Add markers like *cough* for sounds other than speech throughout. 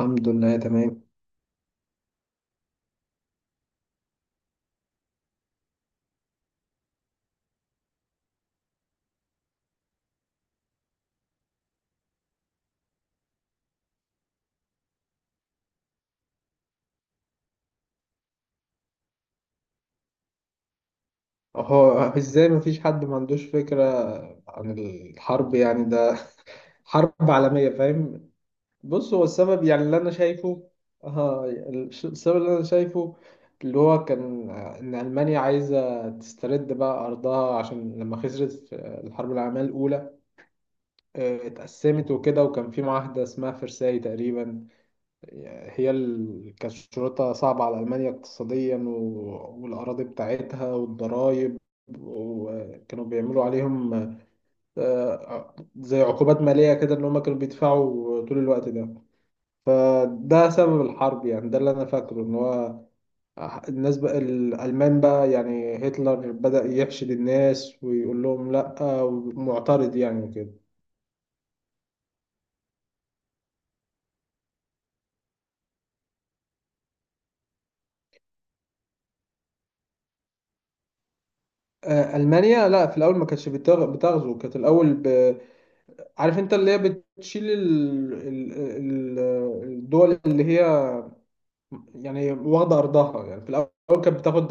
الحمد لله تمام. هو ازاي مفيش حد ما عندوش فكرة عن الحرب؟ يعني ده حرب عالمية، فاهم. بص، هو السبب يعني اللي انا شايفه، السبب اللي انا شايفه اللي هو كان، ان المانيا عايزة تسترد بقى ارضها عشان لما خسرت في الحرب العالمية الاولى، اتقسمت وكده، وكان في معاهدة اسمها فرساي تقريبا. هي كشروطها صعبة على ألمانيا اقتصاديا والأراضي بتاعتها والضرايب، وكانوا بيعملوا عليهم، زي عقوبات مالية كده، إن هما كانوا بيدفعوا طول الوقت ده. فده سبب الحرب، يعني ده اللي أنا فاكره إن هو الناس بقى الألمان بقى، يعني هتلر بدأ يحشد الناس ويقول لهم لأ ومعترض يعني وكده. ألمانيا لا، في الأول ما كانتش بتغزو، كانت الأول عارف انت اللي هي بتشيل ال... الدول اللي هي يعني واخده ارضها يعني في الاول، كانت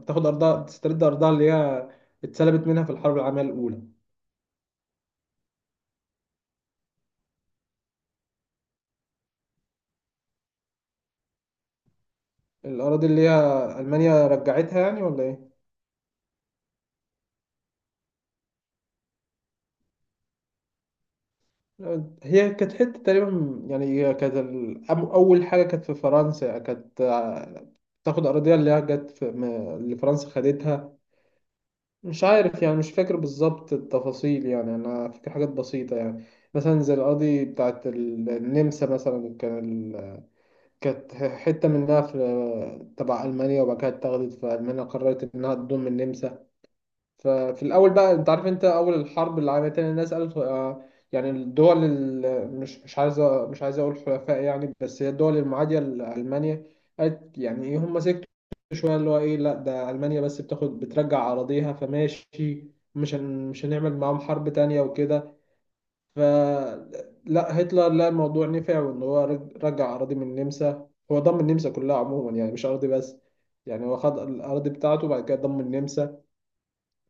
بتاخد ارضها، بتسترد ارضها اللي هي اتسلبت منها في الحرب العالميه الاولى. الاراضي اللي هي المانيا رجعتها يعني ولا ايه؟ هي كانت حته تقريبا، يعني هي كانت اول حاجه كانت في فرنسا، كانت، تاخد اراضيها اللي هي جت اللي فرنسا خدتها. مش عارف يعني، مش فاكر بالظبط التفاصيل، يعني انا فاكر حاجات بسيطه يعني. مثلا زي القاضي بتاعت النمسا مثلا، كان ال... كانت حته منها في تبع المانيا، وبعد كده اتاخدت، فالمانيا قررت انها تضم النمسا. ففي الأول بقى، أنت عارف أنت أول الحرب العالمية التانية الناس قالت، يعني الدول مش عايزة، مش عايز أقول حلفاء يعني، بس هي الدول المعادية لألمانيا، قالت يعني إيه هم سكتوا شوية، اللي هو إيه، لا ده ألمانيا بس بتاخد بترجع أراضيها فماشي، مش هنعمل معاهم حرب تانية وكده. فلا، هتلر لا الموضوع نفع، وإن هو رجع أراضي من النمسا، هو ضم النمسا كلها عموما يعني، مش أراضي بس. يعني هو خد الأراضي بتاعته وبعد كده ضم النمسا،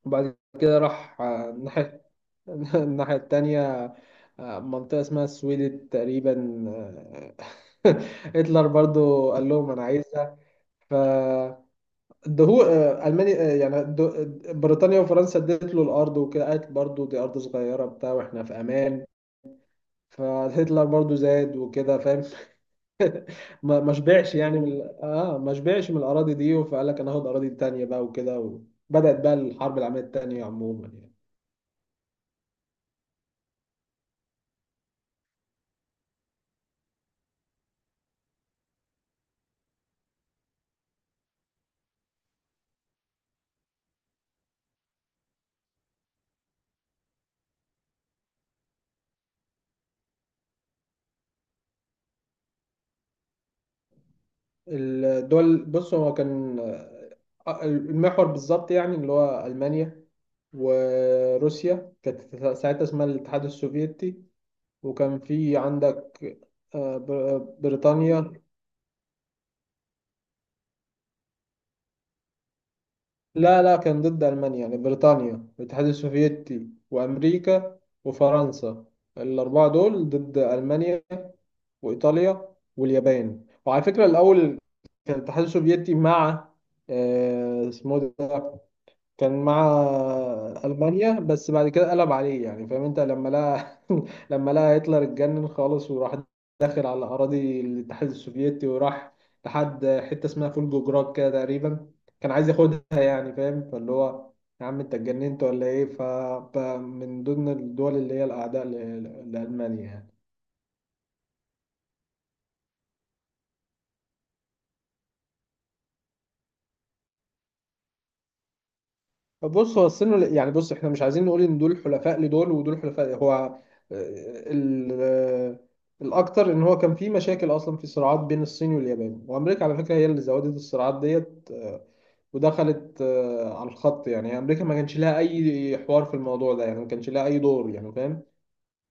وبعد كده راح الناحية *laughs* الناحية التانية. منطقة اسمها السويد تقريبا، *laughs* هتلر برضو قال لهم أنا عايزها. فدهو آه، ألمانيا، يعني بريطانيا وفرنسا ادت له الأرض وكده، قالت برضو دي أرض صغيرة بتاع وإحنا في أمان. فهتلر برضو زاد وكده، فاهم. *laughs* ما شبعش يعني من ما شبعش من الأراضي دي، فقال لك أنا هاخد أراضي تانية بقى وكده. وبدأت بقى الحرب العالمية التانية عموما يعني. الدول، بص هو كان المحور بالظبط، يعني اللي هو ألمانيا، وروسيا كانت ساعتها اسمها الاتحاد السوفيتي، وكان في عندك بريطانيا. لا لا، كان ضد ألمانيا، يعني بريطانيا والاتحاد السوفيتي وأمريكا وفرنسا، الأربعة دول ضد ألمانيا وإيطاليا واليابان. وعلى فكرة الأول كان الاتحاد السوفيتي مع، اسمه ده، كان مع ألمانيا، بس بعد كده قلب عليه يعني، فاهم انت، لما لقى *laughs* لما لقى هتلر اتجنن خالص، وراح داخل على أراضي الاتحاد السوفيتي، وراح لحد حتة اسمها فولجوجراد كده تقريبا، كان عايز ياخدها يعني، فاهم. فاللي هو يا عم انت اتجننت ولا ايه؟ فمن ضمن الدول اللي هي الأعداء لألمانيا يعني. بص هو السن يعني، بص احنا مش عايزين نقول ان دول حلفاء لدول ودول حلفاء، هو ال- آه، الاكتر ان هو كان في مشاكل اصلا، في صراعات بين الصين واليابان وامريكا. على فكره هي اللي زودت الصراعات ديت، ودخلت على الخط، يعني امريكا ما كانش لها اي حوار في الموضوع ده، يعني ما كانش لها اي دور يعني، فاهم.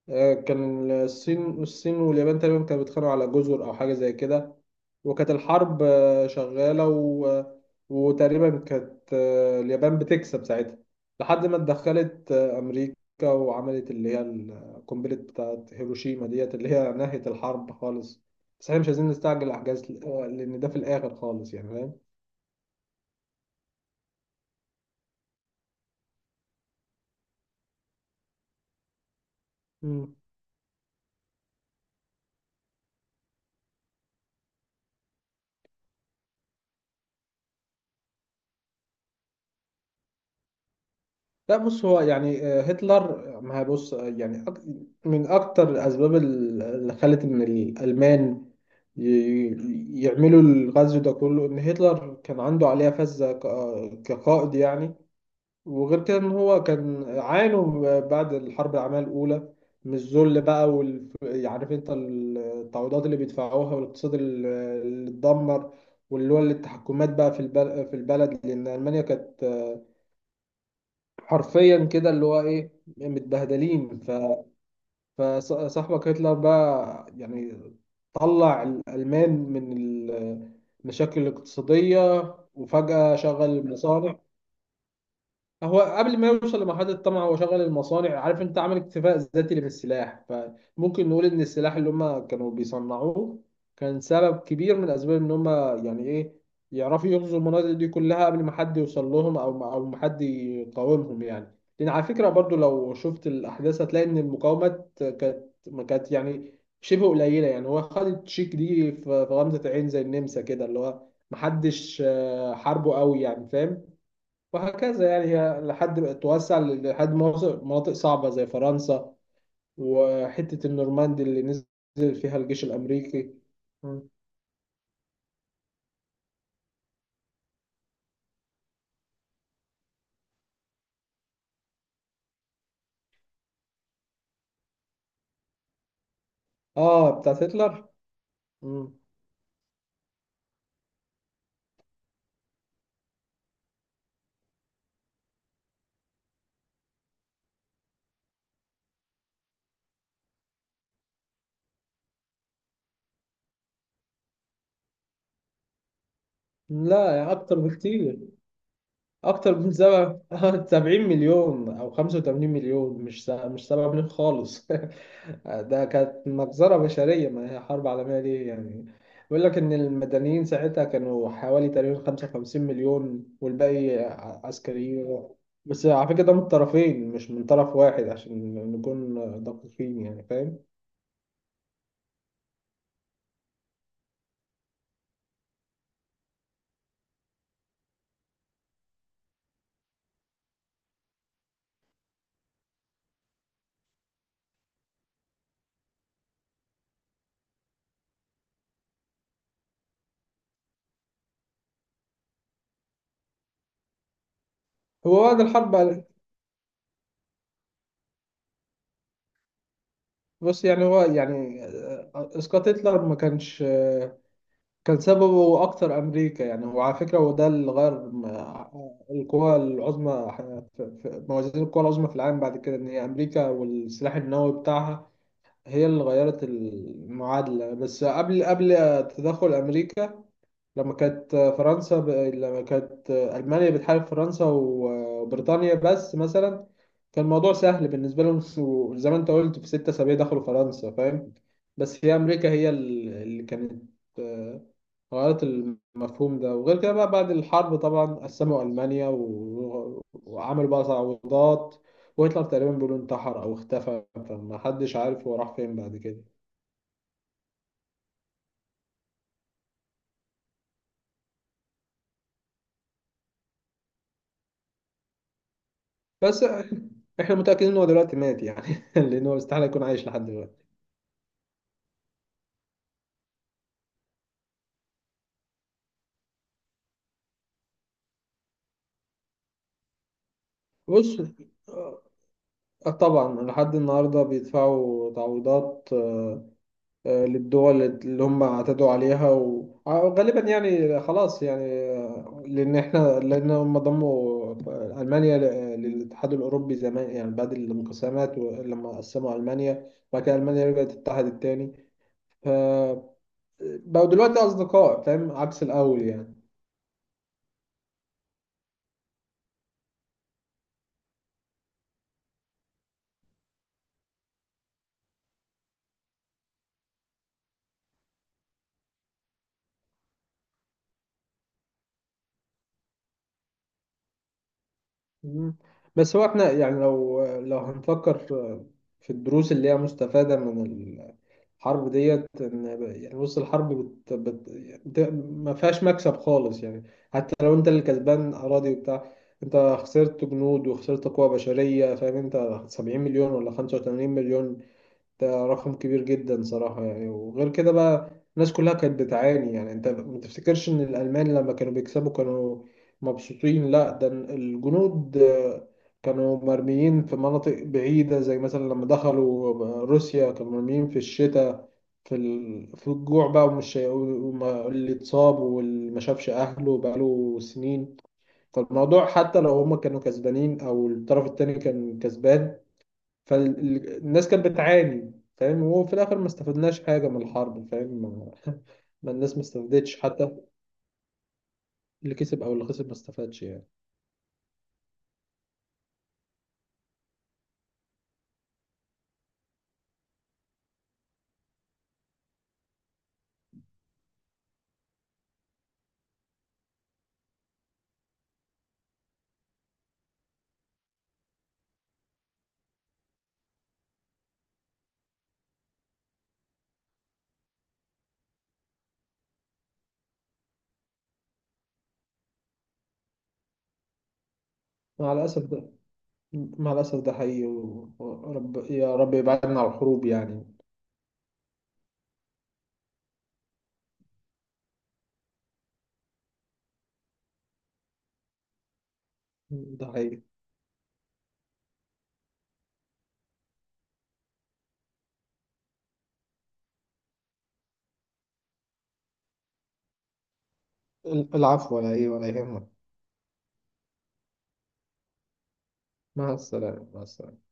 كان الصين واليابان تقريبا كانوا بيتخانقوا على جزر او حاجه زي كده. وكانت الحرب شغاله، و... آه، وتقريبا كانت، اليابان بتكسب ساعتها، لحد ما اتدخلت امريكا، وعملت اللي هي القنبله بتاعت هيروشيما ديت، اللي هي نهت الحرب خالص. بس احنا مش عايزين نستعجل احجاز، لان ده في الاخر خالص يعني، فاهم. لا، بص هو يعني هتلر، ما هي بص يعني، من أكتر الأسباب اللي خلت إن الألمان يعملوا الغزو ده كله، إن هتلر كان عنده عليها فذة، كقائد يعني. وغير كده إن هو كان عانوا بعد الحرب العالمية الأولى من الذل بقى، عارف أنت التعويضات اللي بيدفعوها، والاقتصاد اللي اتدمر، واللي هو التحكمات بقى في في البلد، لأن ألمانيا كانت حرفيا كده اللي هو ايه، متبهدلين. فصاحبك هتلر بقى يعني طلع الألمان من المشاكل الاقتصادية، وفجأة شغل المصانع. هو قبل ما يوصل لمرحلة الطمع، هو شغل المصانع، عارف انت، عمل اكتفاء ذاتي اللي في السلاح. فممكن نقول ان السلاح اللي هم كانوا بيصنعوه كان سبب كبير من اسباب ان هم يعني ايه يعرفوا يغزوا المناطق دي كلها قبل ما حد يوصل لهم، او ما حد يقاومهم يعني. لان على فكرة برضو لو شفت الاحداث هتلاقي ان المقاومات كانت، ما كانت يعني شبه قليلة يعني. هو خد التشيك دي في غمزة عين، زي النمسا كده، اللي هو محدش حاربه قوي يعني، فاهم. وهكذا يعني، هي لحد ما توسع لحد مناطق صعبة زي فرنسا وحتة النورماندي اللي نزل فيها الجيش الأمريكي. م. آه، بتاعت هتلر. م. لا، يعني أكتر بكتير، أكتر من سبعة *laughs* 70 مليون أو 85 مليون. مش سبعة مليون خالص. *laughs* ده كانت مجزرة بشرية، ما هي حرب عالمية ليه يعني. بيقول لك إن المدنيين ساعتها كانوا حوالي تقريبا 55 مليون، والباقي عسكريين. بس على فكرة ده من الطرفين مش من طرف واحد، عشان نكون دقيقين يعني، فاهم. هو بعد الحرب بص يعني، هو يعني إسقاط هتلر ما كانش كان سببه أكتر أمريكا يعني. وعلى فكرة هو ده اللي غير القوى العظمى، موازين القوى العظمى في العالم بعد كده، إن هي أمريكا والسلاح النووي بتاعها هي اللي غيرت المعادلة. بس قبل تدخل أمريكا، لما كانت لما كانت ألمانيا بتحارب فرنسا وبريطانيا بس مثلا، كان الموضوع سهل بالنسبة لهم، وزي ما انت قلت في 6 أسابيع دخلوا فرنسا، فاهم. بس هي أمريكا هي اللي كانت آه، غيرت المفهوم ده. وغير كده بقى بعد الحرب طبعا قسموا ألمانيا، وعملوا بقى تعويضات. وهتلر تقريبا بيقولوا انتحر أو اختفى، فما حدش عارف هو راح فين بعد كده. بس احنا متأكدين ان هو دلوقتي مات يعني، *laughs* لان هو استحالة يكون عايش لحد دلوقتي. بص طبعا لحد النهاردة بيدفعوا تعويضات للدول اللي هم اعتدوا عليها، وغالبا يعني خلاص يعني، لان احنا لان هم ضموا المانيا للاتحاد الاوروبي زمان يعني بعد الانقسامات، لما قسموا المانيا وبعد كده المانيا رجعت اتحدت تاني. ف بقوا دلوقتي اصدقاء، فاهم، عكس الاول يعني. مم. بس هو احنا يعني لو هنفكر في الدروس اللي هي مستفادة من الحرب ديت، ان يعني بص الحرب بت بت بت ما فيهاش مكسب خالص يعني. حتى لو انت اللي كسبان اراضي وبتاع، انت خسرت جنود وخسرت قوة بشرية، فاهم انت، 70 مليون ولا 85 مليون، ده رقم كبير جدا صراحة يعني. وغير كده بقى الناس كلها كانت بتعاني يعني، انت ما تفتكرش ان الألمان لما كانوا بيكسبوا كانوا مبسوطين. لا، ده الجنود كانوا مرميين في مناطق بعيدة، زي مثلا لما دخلوا روسيا كانوا مرميين في الشتاء، في في الجوع بقى، اللي اتصاب واللي ما شافش أهله بقاله سنين. فالموضوع حتى لو هما كانوا كسبانين أو الطرف التاني كان كسبان، فالناس كانت بتعاني، فاهم. وفي الاخر ما استفدناش حاجه من الحرب، فاهم. ما ما الناس ما استفادتش، حتى اللي كسب او اللي خسر ما استفادش يعني. مع الاسف ده، مع الاسف ده حقيقي. ورب، يا رب يبعدنا عن الحروب يعني. ده حقيقي. العفو، ولا ايه، ولا يهمك. مع السلامه، مع السلامه.